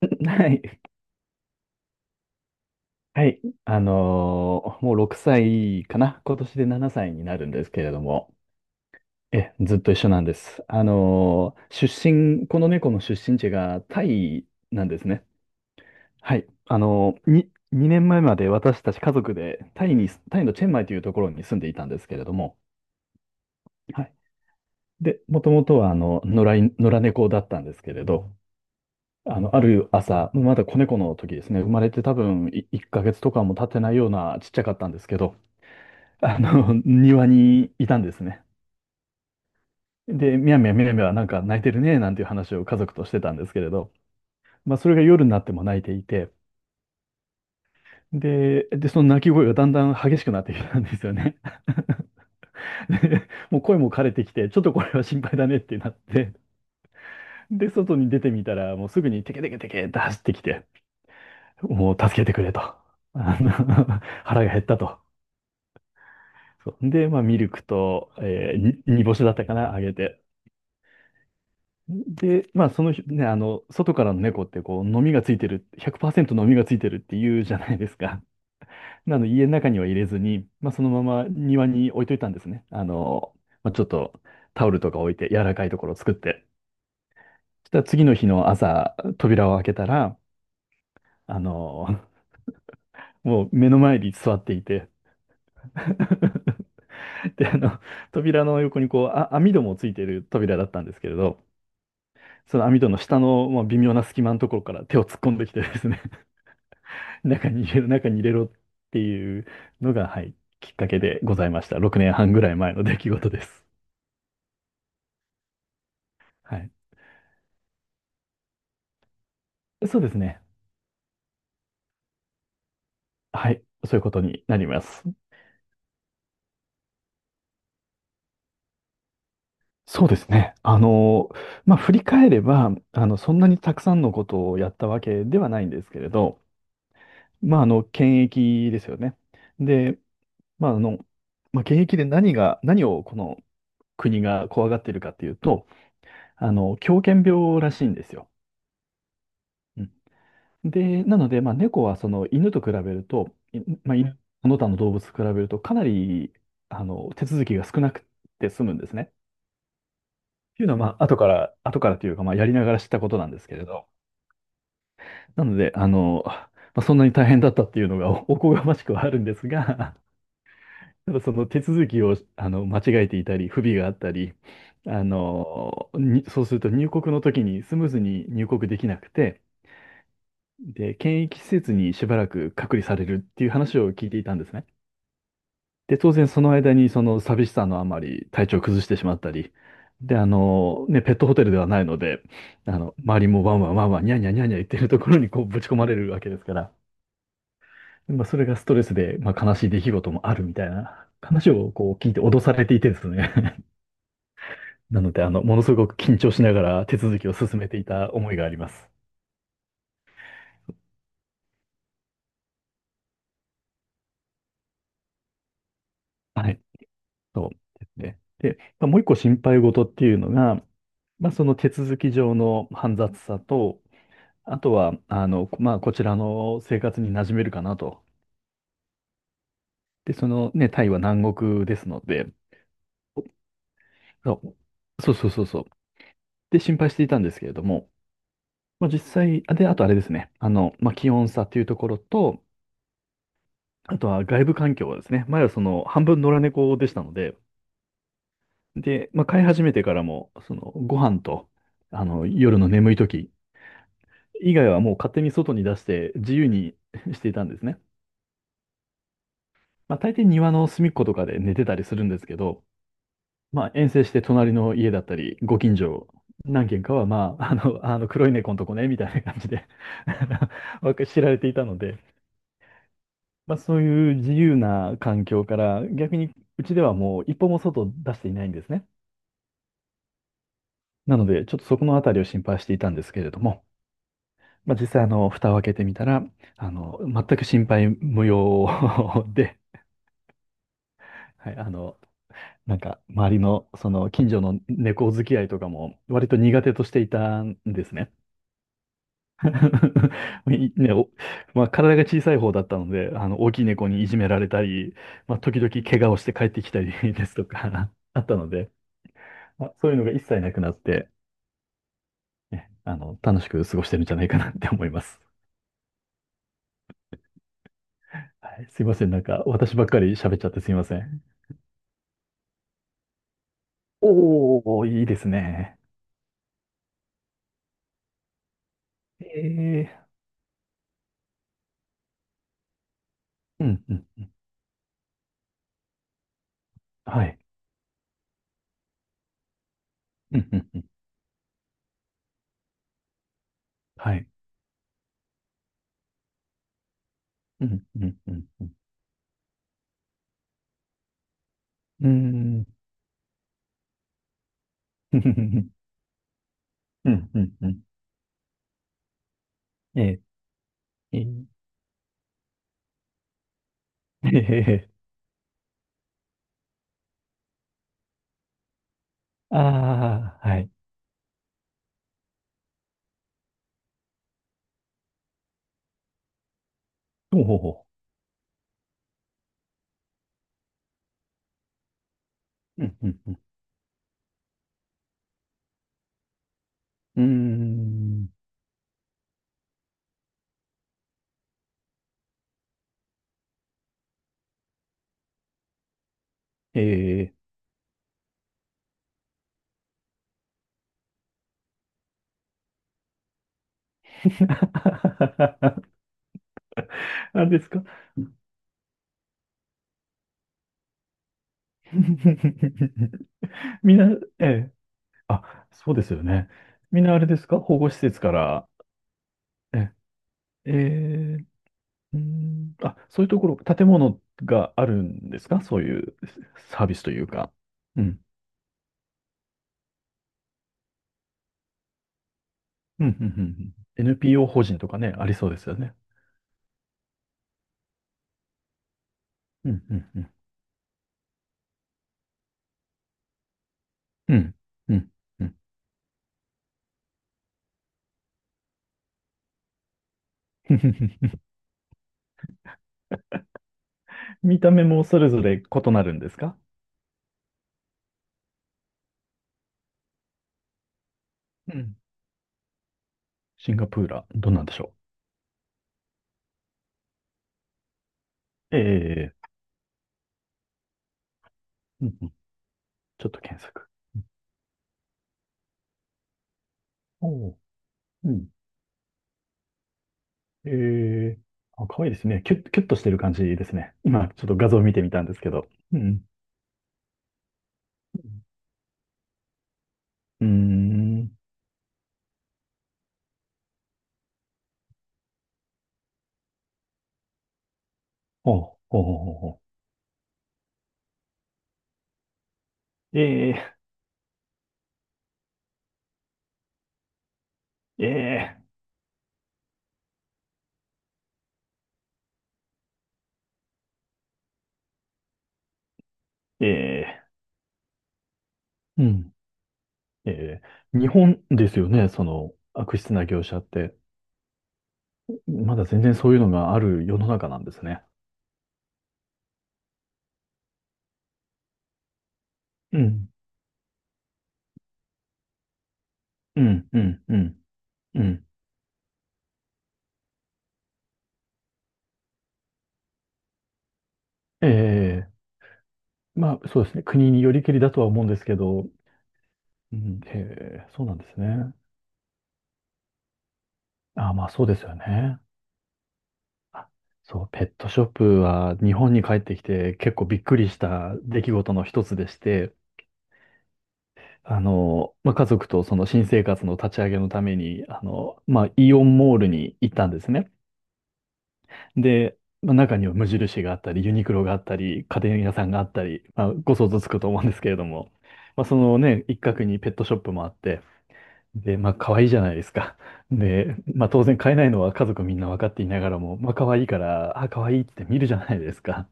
はい。はい。もう6歳かな。今年で7歳になるんですけれども、ずっと一緒なんです。あのー出身、この猫の出身地がタイなんですね。はい。2年前まで私たち家族でタイのチェンマイというところに住んでいたんですけれども、はい。で、もともとは野良猫だったんですけれど、ある朝、まだ子猫の時ですね、生まれて多分1ヶ月とかも経ってないようなちっちゃかったんですけど、庭にいたんですね。で、みやみやみやみやなんか泣いてるね、なんていう話を家族としてたんですけれど、まあ、それが夜になっても泣いていて、で、その泣き声がだんだん激しくなってきたんですよね。で、もう声も枯れてきて、ちょっとこれは心配だねってなって、で、外に出てみたら、もうすぐにテケテケテケって走ってきて、もう助けてくれと。あの 腹が減ったと。そうで、まあ、ミルクと、えーに煮干しだったかな、あげて。で、まあ、そのひね、あの、外からの猫って、こう、のみがついてる、100%のみがついてるって言うじゃないですか。なので、家の中には入れずに、まあ、そのまま庭に置いといたんですね。まあ、ちょっとタオルとか置いて、柔らかいところを作って。そしたら、次の日の朝、扉を開けたら、あの、もう目の前に座っていて、で、扉の横に、こう、あ、網戸もついてる扉だったんですけれど、その網戸の下の、まあ、微妙な隙間のところから手を突っ込んできてですね、中に入れろ、中に入れろっていうのが、はい、きっかけでございました。6年半ぐらい前の出来事です。はい。そうですね。はい。そういうことになります。そうですね。まあ、振り返れば、そんなにたくさんのことをやったわけではないんですけれど、まあ、検疫ですよね。で、まあ、まあ、検疫で何をこの国が怖がっているかっていうと、狂犬病らしいんですよ。うん。で、なので、まあ、猫はその犬と比べると、いまあ、犬その他の動物と比べると、かなり手続きが少なくて済むんですね。っていうのは、まあ、後から、後からというか、まあ、やりながら知ったことなんですけれど。なので、まあ、そんなに大変だったっていうのが おこがましくはあるんですが、ただその手続きを間違えていたり、不備があったり、そうすると入国の時にスムーズに入国できなくて、で、検疫施設にしばらく隔離されるっていう話を聞いていたんですね。で、当然その間にその寂しさのあまり体調を崩してしまったり、で、ね、ペットホテルではないので、周りもワンワンワンワン、ニャーニャーニャーニャー言ってるところにこうぶち込まれるわけですから、まあ、それがストレスで、まあ、悲しい出来事もあるみたいな話をこう聞いて脅されていてですね。なので、ものすごく緊張しながら手続きを進めていた思いがあります。はい。そうですね。で、まあ、もう一個心配事っていうのが、まあ、その手続き上の煩雑さと、あとは、まあ、こちらの生活に馴染めるかなと。で、タイは南国ですので、そう、そうそうそうそう。で、心配していたんですけれども、まあ、実際、あで、あとあれですね、あの、まあ、気温差というところと、あとは外部環境はですね、前はその半分野良猫でしたので、で、まあ、飼い始めてからも、そのご飯と、夜の眠い時以外はもう勝手に外に出して自由に していたんですね。まあ、大抵庭の隅っことかで寝てたりするんですけど、まあ、遠征して隣の家だったり、ご近所、何軒かは、まあ、あの黒い猫のとこね、みたいな感じで あのわか知られていたので、まあ、そういう自由な環境から、逆にうちではもう一歩も外を出していないんですね。なので、ちょっとそこのあたりを心配していたんですけれども、まあ、実際、蓋を開けてみたら、全く心配無用 で、はい、なんか、周りの、その、近所の猫付き合いとかも、割と苦手としていたんですね。いね、お、まあ、体が小さい方だったので、大きい猫にいじめられたり、まあ、時々怪我をして帰ってきたり ですとか あったので、まあ、そういうのが一切なくなって、ね、楽しく過ごしてるんじゃないかなって思います。はい、すいません。なんか、私ばっかり喋っちゃってすいません。おー、いいですね。ええー、うん、うん、うん。はい。うん、うん、うん。はい。うん、うん、うん。うん、うーん、うん。うん、うん、ええーえーああ、はい。ほうほうほう。うん、うん、うん。うーん。ええ あれですか？ みんな、ええ。あ、そうですよね。みんなあれですか、保護施設から？ええ、ええ、うーん。あ、そういうところ、建物があるんですか？そういうサービスというか。うん。うん、うん、うん。うん、 NPO 法人とかね、ありそうですよね。うん、うん、うん。うん、うん。うん、見た目もそれぞれ異なるんですか？うん。シンガプーラ、どうなんでしょう。うんうん。ちょっと検索。うん、おう、うん。ええ、あ、可愛いいですね。キュッ、キュッとしてる感じですね。今、ちょっと画像見てみたんですけど。うん。うん、うーん。ほう、ほうほうほうほう。ええ、ええ、ええ、うん。ええ、日本ですよね、その悪質な業者って。まだ全然そういうのがある世の中なんですね。うん、うん、うん、うん、うん。ええ、まあそうですね。国によりけりだとは思うんですけど、うん、へえ、そうなんですね。あ、まあそうですよね。あ、そう、ペットショップは日本に帰ってきて結構びっくりした出来事の一つでして、まあ家族とその新生活の立ち上げのために、まあイオンモールに行ったんですね。で、まあ、中には無印があったり、ユニクロがあったり、家電屋さんがあったり、まあご想像つくと思うんですけれども、まあ一角にペットショップもあって、で、まあ、可愛いじゃないですか。で、まあ、当然買えないのは家族みんな分かっていながらも、まあ、可愛いから、あ、可愛いって見るじゃないですか。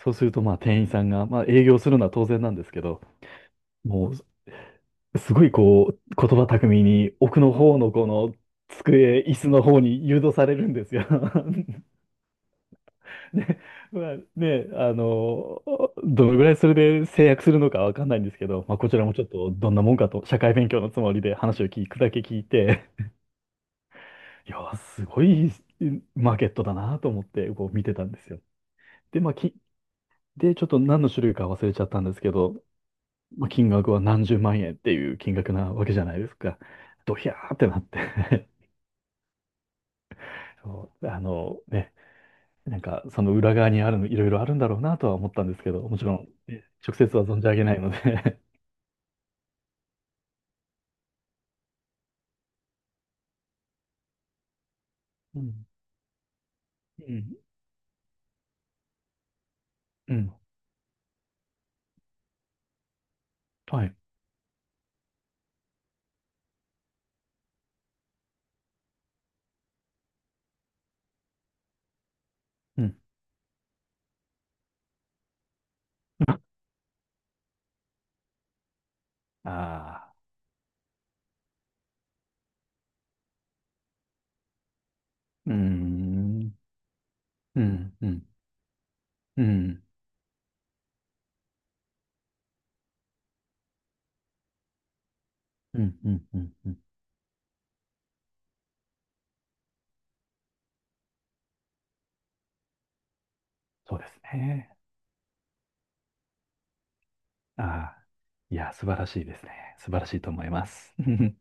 そうすると、まあ、店員さんが、まあ、営業するのは当然なんですけど、もう、すごいこう、言葉巧みに、奥の方のこの、机、椅子の方に誘導されるんですよ。で、まあ、ね、どのぐらいそれで制約するのかわかんないんですけど、まあ、こちらもちょっとどんなもんかと、社会勉強のつもりで話を聞くだけ聞いて、いや、すごいマーケットだなと思ってこう見てたんですよ。で、まあ、ちょっと何の種類か忘れちゃったんですけど、まあ、金額は何十万円っていう金額なわけじゃないですか。ドヒャーってなって そう、なんかその裏側にあるの、いろいろあるんだろうなとは思ったんですけど、もちろん、ね直接は存じ上げないので うん、うん、うん、はい、うん、ああ、うーん、うん、うん、うん、うん、うん、うん、うん、そうですね。ああ、いや、素晴らしいですね。素晴らしいと思います。